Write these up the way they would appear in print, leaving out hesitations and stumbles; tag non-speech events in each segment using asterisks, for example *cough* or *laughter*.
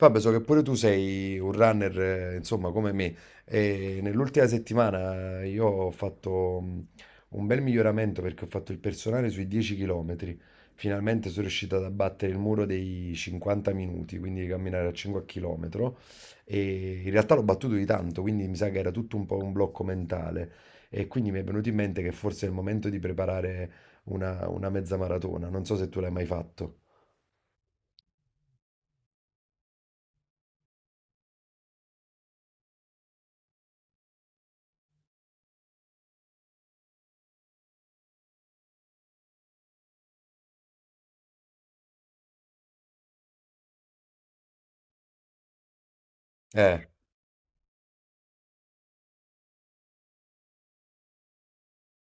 Vabbè, so che pure tu sei un runner, insomma, come me. E nell'ultima settimana io ho fatto un bel miglioramento perché ho fatto il personale sui 10 km. Finalmente sono riuscito ad abbattere il muro dei 50 minuti, quindi di camminare a 5 km. E in realtà l'ho battuto di tanto, quindi mi sa che era tutto un po' un blocco mentale. E quindi mi è venuto in mente che forse è il momento di preparare una mezza maratona. Non so se tu l'hai mai fatto. Eh,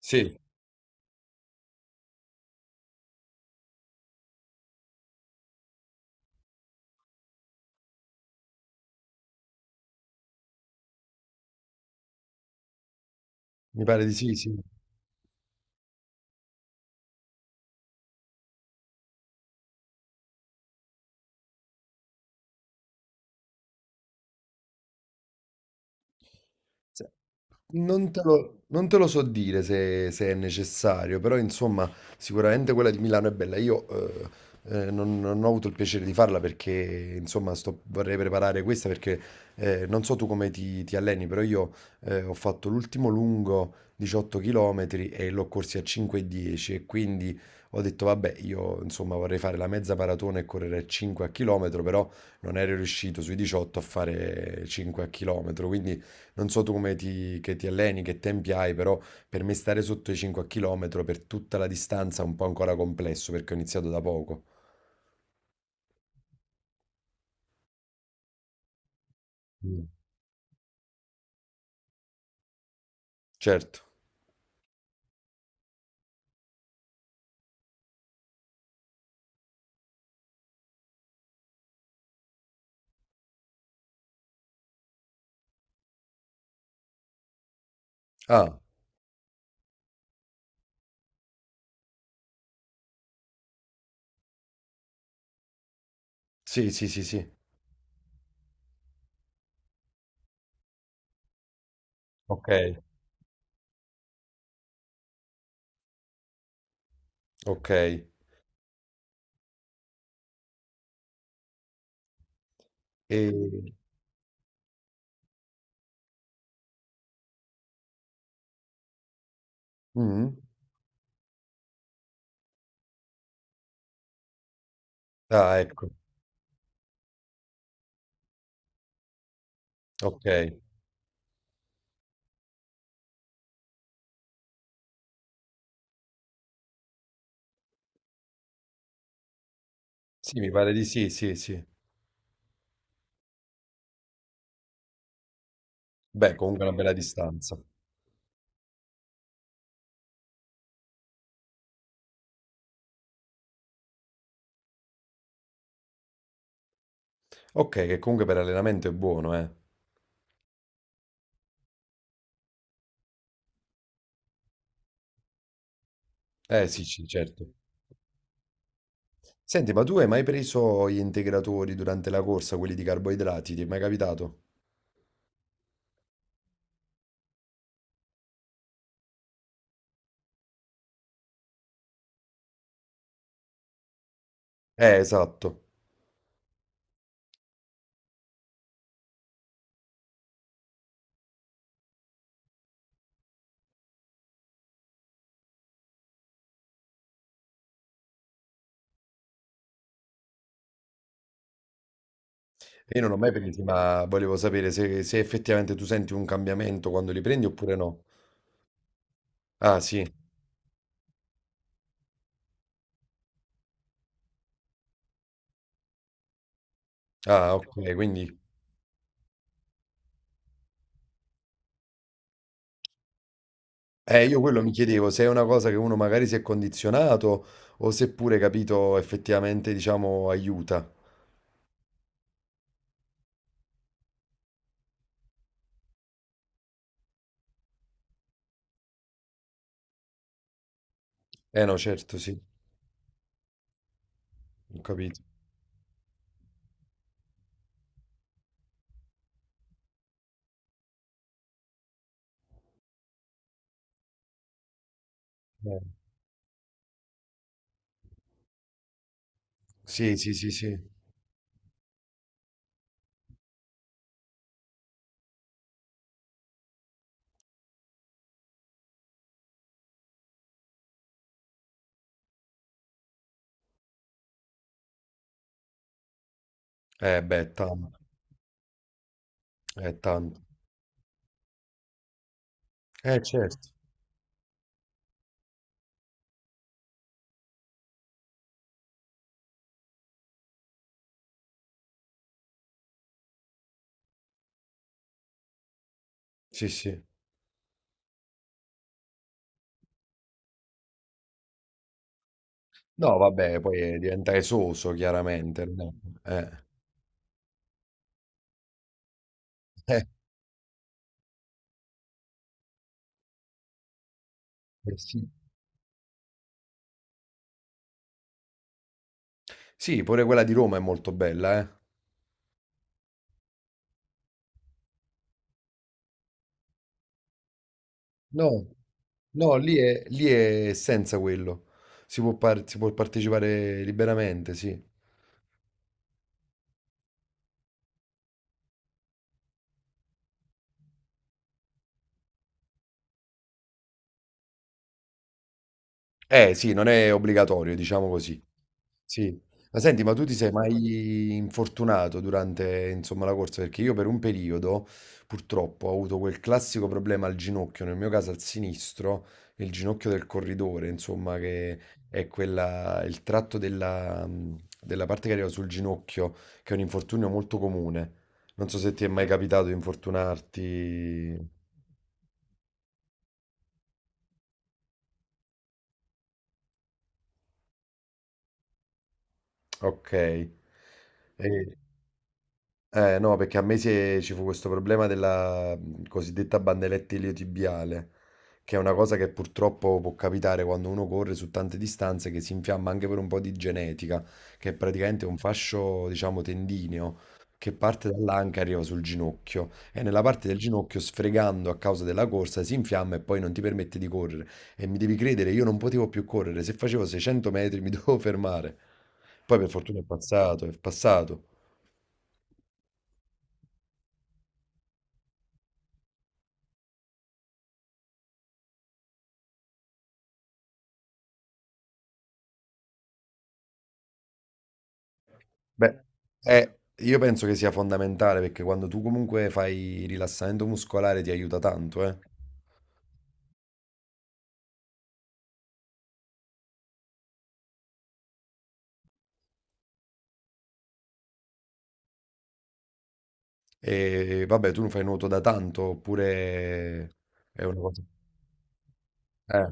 sì. Mi pare di sì, sì. Se- non te lo so dire se è necessario, però insomma sicuramente quella di Milano è bella. Io non ho avuto il piacere di farla perché insomma vorrei preparare questa perché non so tu come ti alleni, però io ho fatto l'ultimo lungo 18 km e l'ho corsi a 5,10 e dieci e quindi ho detto vabbè io insomma vorrei fare la mezza maratona e correre a 5 a chilometro, però non ero riuscito sui 18 a fare 5 a chilometro, quindi. Non so tu che ti alleni, che tempi hai, però per me stare sotto i 5 km per tutta la distanza è un po' ancora complesso perché ho iniziato da poco. Mm. Certo. Ah, sì, sì, sì, sì. Ok. Ok. E. Mm? Ah, ecco. Ok. Sì, mi pare di sì, sì, sì. Beh, comunque è una bella distanza. Ok, che comunque per allenamento è buono, eh. Sì, sì, certo. Senti, ma tu hai mai preso gli integratori durante la corsa, quelli di carboidrati? Ti è mai capitato? Esatto. Io non l'ho mai presi, ma volevo sapere se, se effettivamente tu senti un cambiamento quando li prendi oppure no. Ah, sì. Ah, ok, quindi. Io quello mi chiedevo se è una cosa che uno magari si è condizionato o seppure, capito, effettivamente, diciamo, aiuta. Eh no, certo, sì, ho capito. Eh, sì, sì, sì, sì. Beh, tanto, è tanto. Certo. Sì, sì. No, vabbè, poi diventa esoso, chiaramente, no? Eh. Eh, *laughs* eh sì. Sì, pure quella di Roma è molto bella, eh. No, no, lì è senza quello. Si può, si può partecipare liberamente, sì. Eh sì, non è obbligatorio, diciamo così. Sì. Ma senti, ma tu ti sei mai infortunato durante, insomma, la corsa? Perché io per un periodo, purtroppo, ho avuto quel classico problema al ginocchio, nel mio caso al sinistro, il ginocchio del corridore, insomma, che è quella, il tratto della parte che arriva sul ginocchio, che è un infortunio molto comune. Non so se ti è mai capitato di infortunarti. Ok. E- no, perché a me ci fu questo problema della cosiddetta bandeletta iliotibiale, che è una cosa che purtroppo può capitare quando uno corre su tante distanze, che si infiamma anche per un po' di genetica, che è praticamente un fascio, diciamo, tendineo, che parte dall'anca e arriva sul ginocchio, e nella parte del ginocchio, sfregando a causa della corsa, si infiamma e poi non ti permette di correre. E mi devi credere, io non potevo più correre, se facevo 600 metri mi *laughs* dovevo fermare. Poi per fortuna è passato, è passato. Beh, io penso che sia fondamentale perché quando tu comunque fai rilassamento muscolare ti aiuta tanto, eh. E vabbè, tu non fai nuoto da tanto, oppure è una cosa. Eh.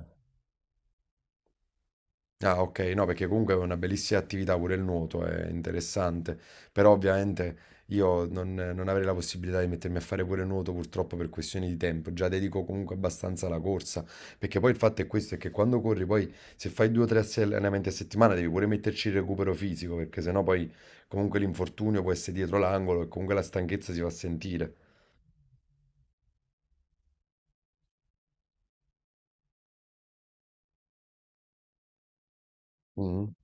Ah, ok, no, perché comunque è una bellissima attività pure il nuoto, è interessante, però ovviamente io non avrei la possibilità di mettermi a fare pure nuoto purtroppo per questioni di tempo, già dedico comunque abbastanza alla corsa, perché poi il fatto è questo, è che quando corri poi se fai due o tre allenamenti a settimana devi pure metterci il recupero fisico, perché sennò poi comunque l'infortunio può essere dietro l'angolo e comunque la stanchezza si va a sentire. Mm.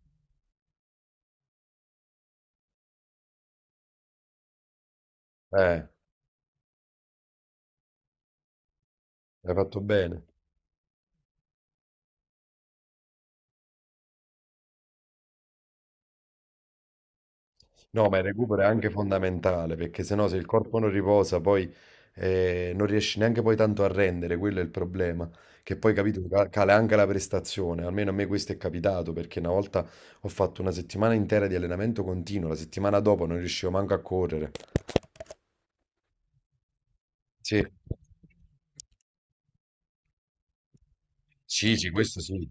Eh, hai fatto bene. No, ma il recupero è anche fondamentale perché sennò se il corpo non riposa poi non riesci neanche poi tanto a rendere, quello è il problema, che poi capito cala anche la prestazione, almeno a me questo è capitato perché una volta ho fatto una settimana intera di allenamento continuo, la settimana dopo non riuscivo manco a correre. Sì. Sì, sì, questo sì.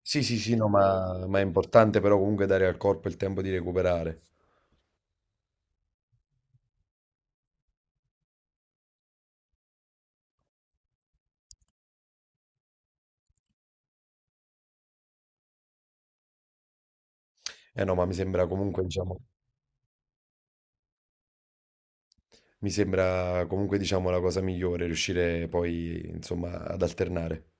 Sì, sì, sì, no, ma è importante però comunque dare al corpo il tempo di recuperare. Eh no, ma mi sembra comunque, diciamo. Mi sembra comunque diciamo la cosa migliore, riuscire poi insomma ad alternare.